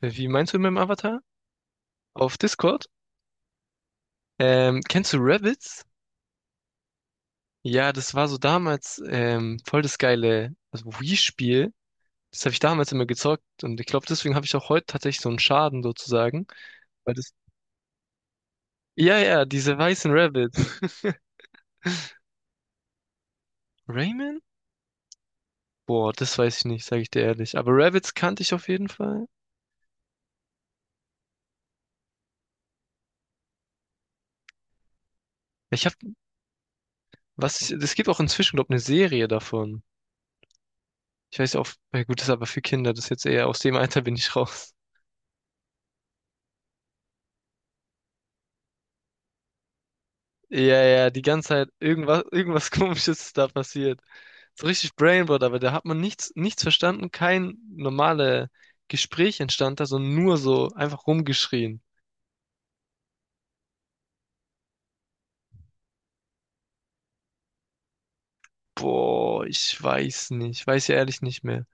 Wie meinst du mit dem Avatar? Auf Discord? Kennst du Rabbids? Ja, das war so damals voll das geile also Wii-Spiel. Das habe ich damals immer gezockt und ich glaube, deswegen habe ich auch heute tatsächlich so einen Schaden sozusagen. Weil das, ja, ja, diese weißen Rabbids. Rayman? Boah, das weiß ich nicht, sage ich dir ehrlich. Aber Rabbids kannte ich auf jeden Fall. Ich habe, was, ist- es gibt auch inzwischen, glaube ich, eine Serie davon. Ich weiß ja auch, ja gut, das ist aber für Kinder, das ist jetzt eher aus dem Alter bin ich raus. Ja, ja, die ganze Zeit irgendwas, irgendwas Komisches ist da passiert. So richtig Brainboard, aber da hat man nichts, nichts verstanden, kein normales Gespräch entstand da, sondern nur so einfach rumgeschrien. Boah, ich weiß nicht, ich weiß ja ehrlich nicht mehr.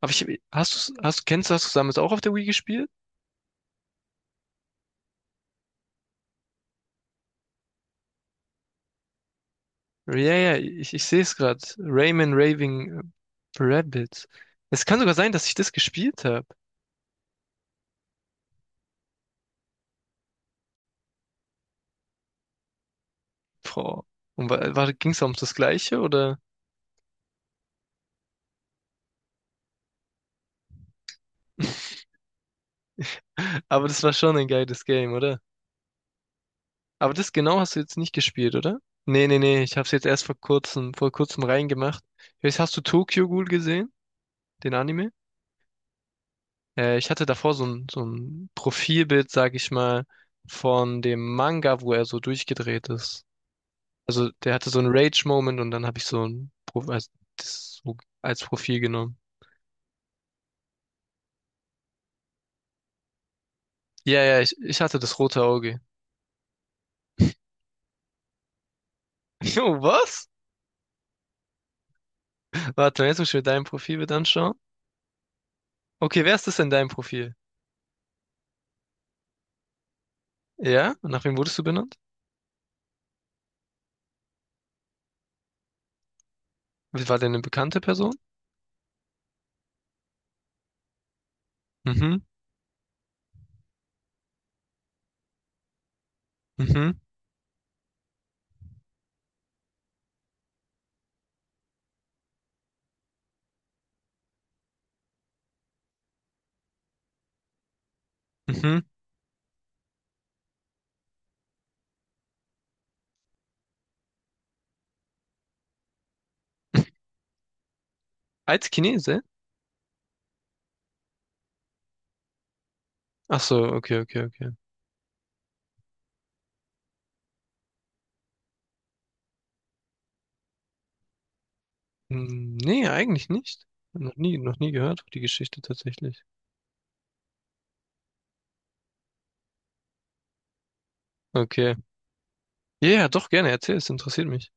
Aber ich, hast du, hast, kennst du, hast du damals auch auf der Wii gespielt? Ja, ja, ich sehe es gerade. Rayman Raving Rabbids. Es kann sogar sein, dass ich das gespielt habe. Boah. Und war, war, ging es um das Gleiche, oder? Aber das war schon ein geiles Game, oder? Aber das genau hast du jetzt nicht gespielt, oder? Nee, nee, nee, ich hab's jetzt erst vor kurzem reingemacht. Jetzt hast du Tokyo Ghoul gesehen, den Anime? Ich hatte davor so ein Profilbild, sag ich mal, von dem Manga, wo er so durchgedreht ist. Also der hatte so einen Rage-Moment und dann habe ich so ein Pro als, das so als Profil genommen. Ja, ja, ich hatte das rote Auge. Jo, was? Warte, jetzt muss ich mir dein Profilbild anschauen. Okay, wer ist das in deinem Profil? Ja? Und nach wem wurdest du benannt? War der eine bekannte Person? Mhm, mhm, mhm. Als Chinese? Ach so, okay, okay, okay. Hm, nee, eigentlich nicht. Noch nie gehört, die Geschichte tatsächlich. Okay. Ja, ja, doch gerne, erzähl, es interessiert mich.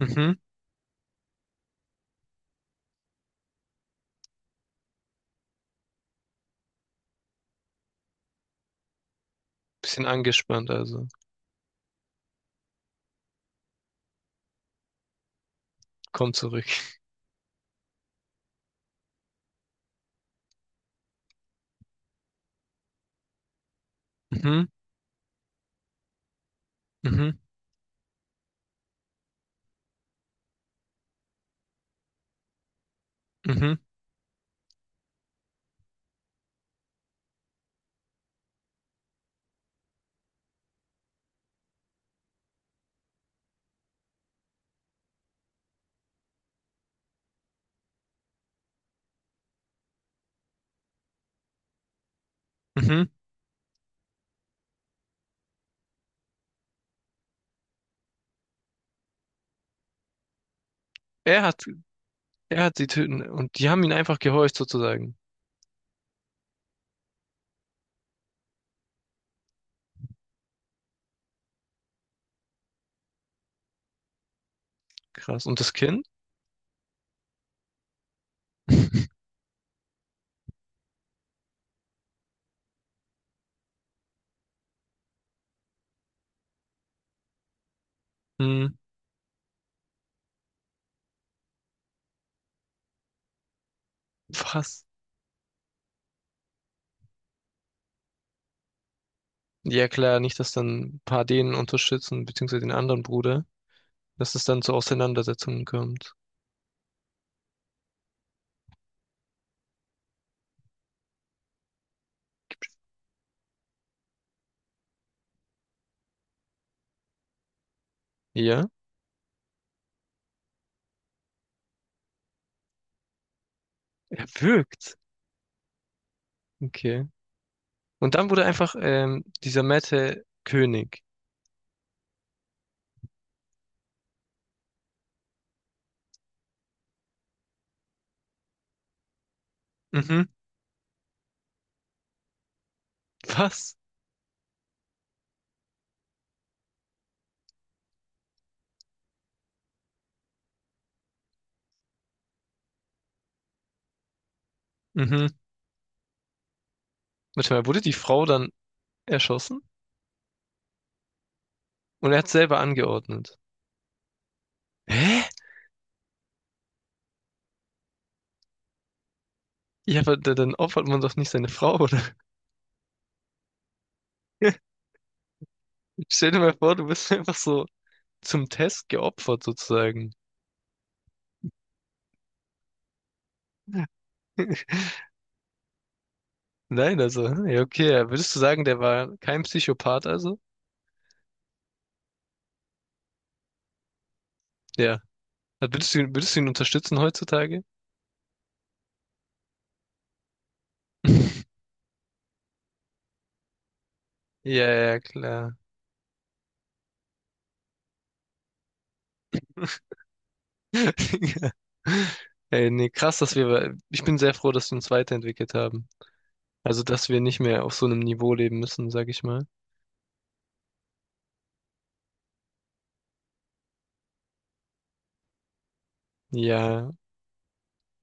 Mhm. Bisschen angespannt, also. Komm zurück. Mhm, mhm, mhm, mhm. Er hat, er hat sie töten und die haben ihn einfach gehorcht sozusagen. Krass. Und das Kind? Hm, was? Ja klar, nicht, dass dann ein paar denen unterstützen, beziehungsweise den anderen Bruder, dass es dann zu Auseinandersetzungen kommt. Ja, er wirkt. Okay. Und dann wurde einfach dieser Mette König. Mhm. Was? Mhm. Warte mal, wurde die Frau dann erschossen? Und er hat selber angeordnet. Hä? Ja, aber da- dann opfert man doch nicht seine Frau, oder? Stell dir mal vor, du bist einfach so zum Test geopfert, sozusagen. Nein, also, hm, ja, okay, ja. Würdest du sagen, der war kein Psychopath, also? Ja. Würdest du ihn unterstützen heutzutage? Ja, ja, klar. Ey, nee, krass, dass wir, ich bin sehr froh, dass wir uns weiterentwickelt haben. Also, dass wir nicht mehr auf so einem Niveau leben müssen, sag ich mal. Ja,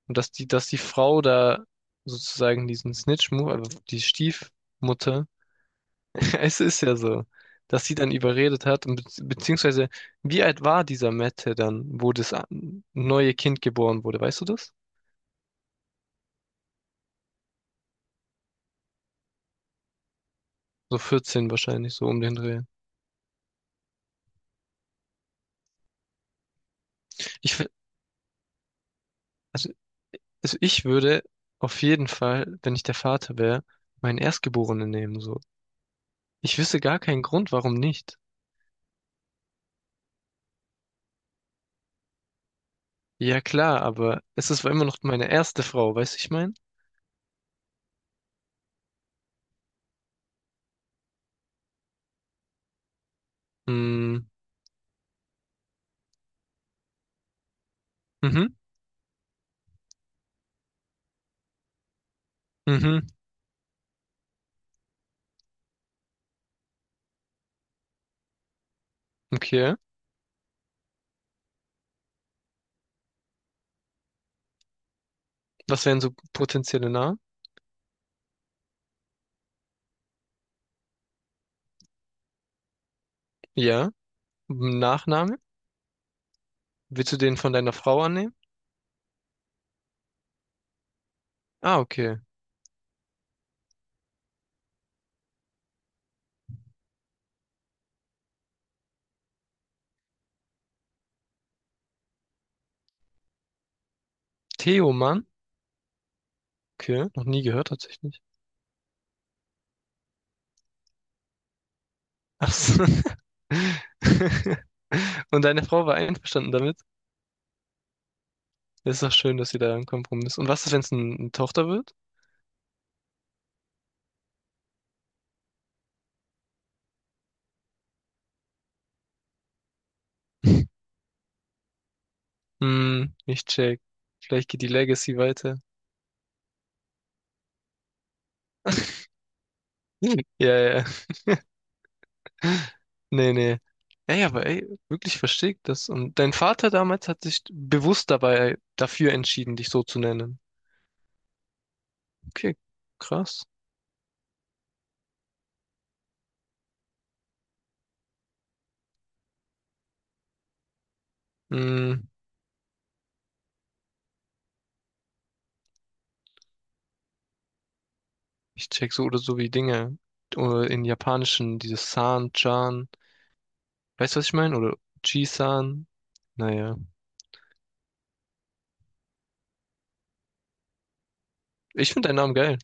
und dass die Frau da sozusagen diesen Snitch-Move, also die Stiefmutter, es ist ja so, dass sie dann überredet hat, und bezieh- beziehungsweise, wie alt war dieser Mette dann, wo das a- neue Kind geboren wurde, weißt du das? So 14 wahrscheinlich, so um den Dreh. Ich, f- also Also ich würde auf jeden Fall, wenn ich der Vater wäre, meinen Erstgeborenen nehmen, so. Ich wüsste gar keinen Grund, warum nicht. Ja klar, aber es ist immer noch meine erste Frau, weißt du, ich mein? Mm, mhm, mhm, okay. Was wären so potenzielle Namen? Ja. Nachname? Willst du den von deiner Frau annehmen? Ah, okay. Theoman? Okay, noch nie gehört tatsächlich. Ach so. Und deine Frau war einverstanden damit? Das ist doch schön, dass ihr da einen Kompromiss. Und was ist, wenn es ein- eine Tochter wird? Hm, ich check. Vielleicht geht die Legacy weiter. Ja, ja. Nee, nee. Ja, ja, aber ey, wirklich verstehe ich das. Und dein Vater damals hat sich bewusst dabei dafür entschieden, dich so zu nennen. Okay, krass. Hm, ich check so oder so wie Dinge. Oder in Japanischen, dieses San, Chan. Weißt du, was ich meine? Oder Ji-san. Naja. Ich finde deinen Namen geil.